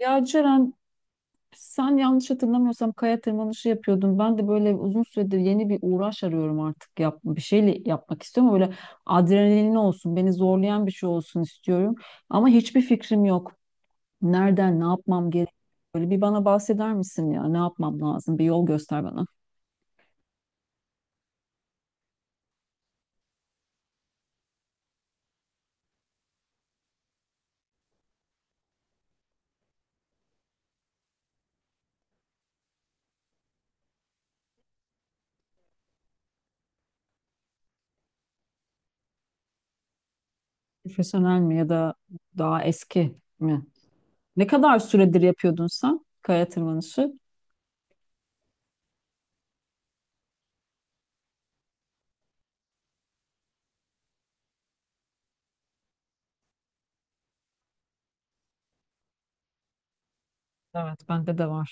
Ya Ceren sen yanlış hatırlamıyorsam kaya tırmanışı yapıyordun. Ben de böyle uzun süredir yeni bir uğraş arıyorum artık. Yap, bir şeyle yapmak istiyorum. Böyle adrenalinli olsun, beni zorlayan bir şey olsun istiyorum. Ama hiçbir fikrim yok. Nereden, ne yapmam gerek? Böyle bir bana bahseder misin ya? Ne yapmam lazım? Bir yol göster bana. Profesyonel mi ya da daha eski mi? Ne kadar süredir yapıyordun sen kaya tırmanışı? Evet, bende de var.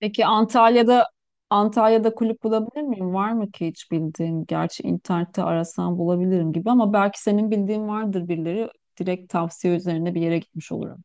Peki Antalya'da kulüp bulabilir miyim? Var mı ki hiç bildiğin? Gerçi internette arasam bulabilirim gibi ama belki senin bildiğin vardır birileri. Direkt tavsiye üzerine bir yere gitmiş olurum.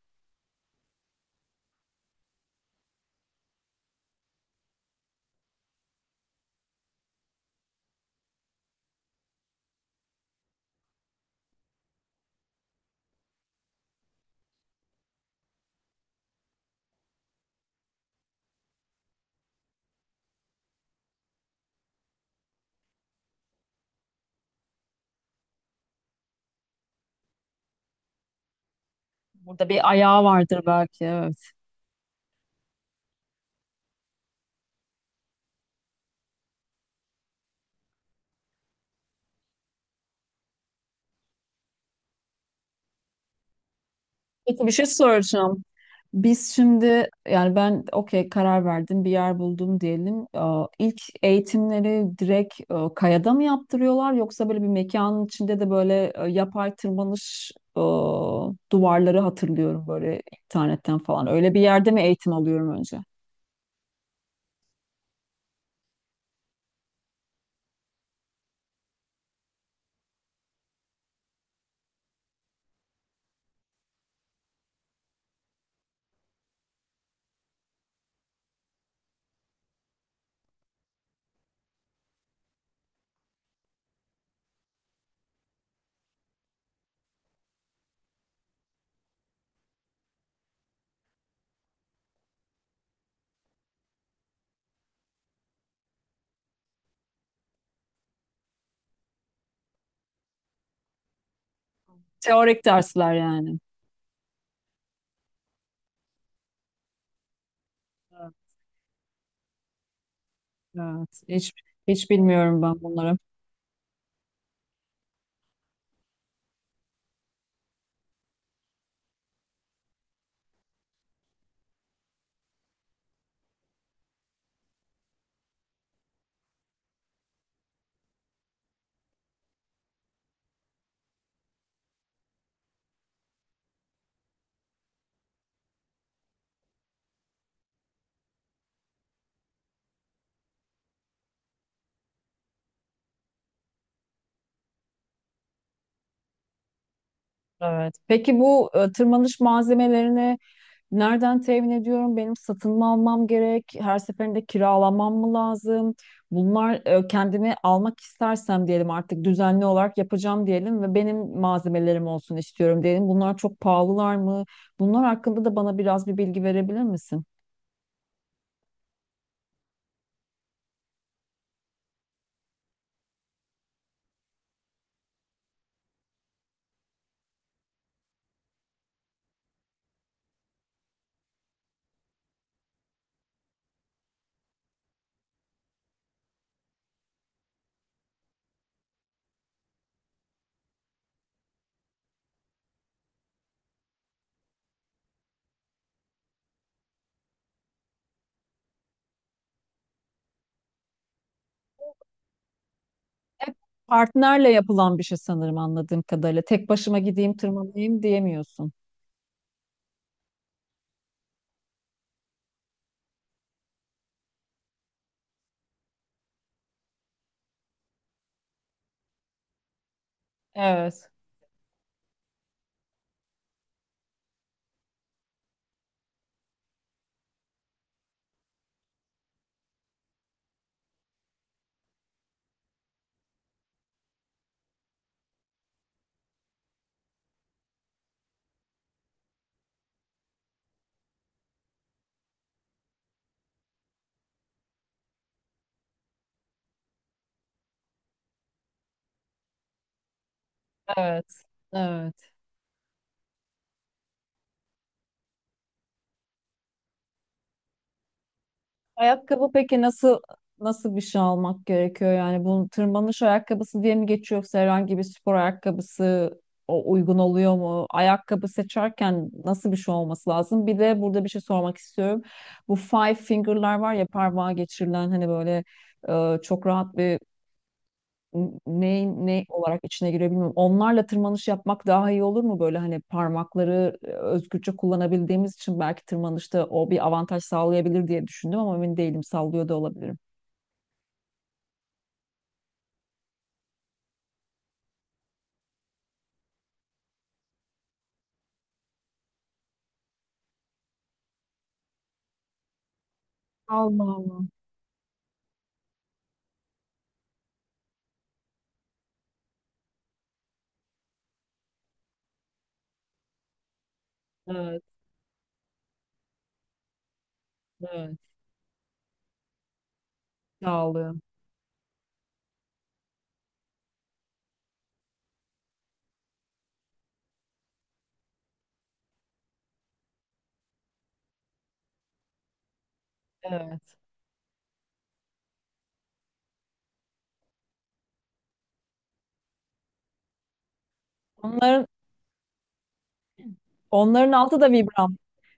Burada bir ayağı vardır belki, evet. Peki bir şey soracağım. Biz şimdi yani ben okey karar verdim, bir yer buldum diyelim. Aa, İlk eğitimleri direkt kayada mı yaptırıyorlar, yoksa böyle bir mekanın içinde de böyle yapay tırmanış duvarları hatırlıyorum böyle internetten falan. Öyle bir yerde mi eğitim alıyorum önce? Teorik dersler yani. Evet. Evet, hiç bilmiyorum ben bunları. Evet. Peki bu tırmanış malzemelerini nereden temin ediyorum? Benim satın mı almam gerek? Her seferinde kiralamam mı lazım? Bunlar kendimi almak istersem diyelim, artık düzenli olarak yapacağım diyelim ve benim malzemelerim olsun istiyorum diyelim. Bunlar çok pahalılar mı? Bunlar hakkında da bana biraz bir bilgi verebilir misin? Hep partnerle yapılan bir şey sanırım anladığım kadarıyla. Tek başıma gideyim tırmanayım diyemiyorsun. Evet, evet, evet. Ayakkabı peki nasıl bir şey almak gerekiyor? Yani bu tırmanış ayakkabısı diye mi geçiyor, yoksa herhangi bir spor ayakkabısı o uygun oluyor mu? Ayakkabı seçerken nasıl bir şey olması lazım? Bir de burada bir şey sormak istiyorum. Bu five finger'lar var ya, parmağa geçirilen, hani böyle çok rahat bir neyin ne olarak içine giriyor bilmiyorum. Onlarla tırmanış yapmak daha iyi olur mu? Böyle hani parmakları özgürce kullanabildiğimiz için belki tırmanışta o bir avantaj sağlayabilir diye düşündüm, ama emin değilim. Sallıyor da olabilirim. Allah Allah. Evet, evet. Sağlıyor. Evet. Onların onların altı da Vibram.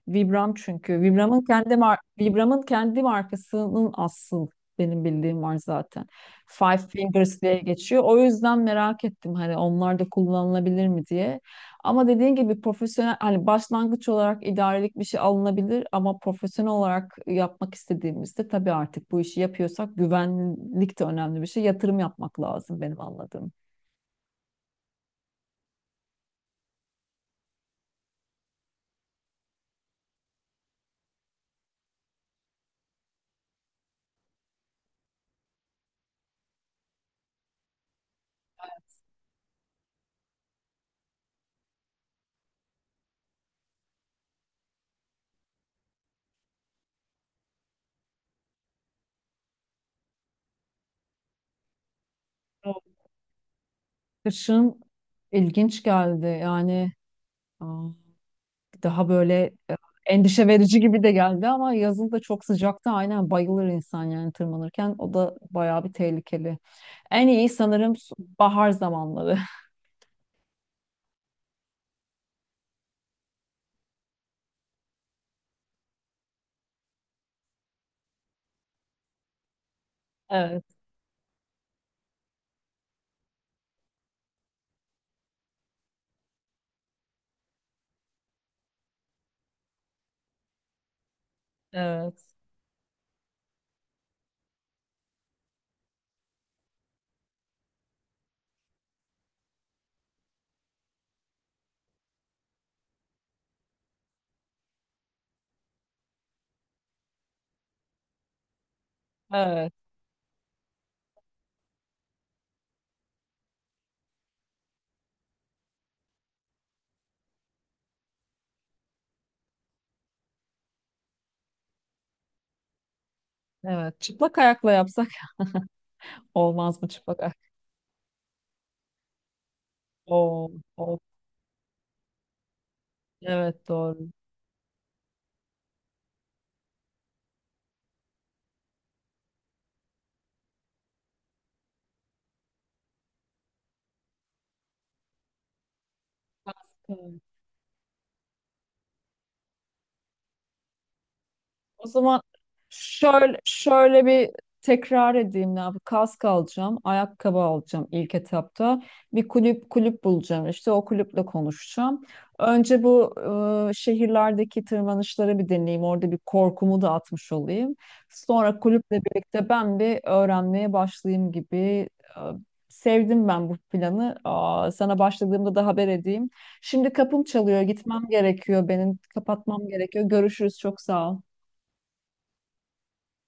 Vibram çünkü. Vibram'ın kendi markasının asıl benim bildiğim var zaten. Five Fingers diye geçiyor. O yüzden merak ettim, hani onlar da kullanılabilir mi diye. Ama dediğin gibi profesyonel, hani başlangıç olarak idarelik bir şey alınabilir ama profesyonel olarak yapmak istediğimizde, tabii artık bu işi yapıyorsak, güvenlik de önemli bir şey. Yatırım yapmak lazım benim anladığım. Kışın ilginç geldi yani. Aa, daha böyle endişe verici gibi de geldi ama yazın da çok sıcakta aynen bayılır insan yani tırmanırken. O da bayağı bir tehlikeli. En iyi sanırım bahar zamanları. Evet, evet, evet, evet. Çıplak ayakla yapsak olmaz mı çıplak ayak? Oo, oo. Evet doğru. O zaman şöyle bir tekrar edeyim ne yapayım. Kask alacağım, ayakkabı alacağım ilk etapta. Bir kulüp bulacağım, işte o kulüple konuşacağım. Önce bu şehirlerdeki tırmanışları bir deneyeyim. Orada bir korkumu da atmış olayım. Sonra kulüple birlikte ben bir öğrenmeye başlayayım gibi. e, Sevdim ben bu planı. Aa, sana başladığımda da haber edeyim. Şimdi kapım çalıyor, gitmem gerekiyor benim. Kapatmam gerekiyor. Görüşürüz, çok sağ ol.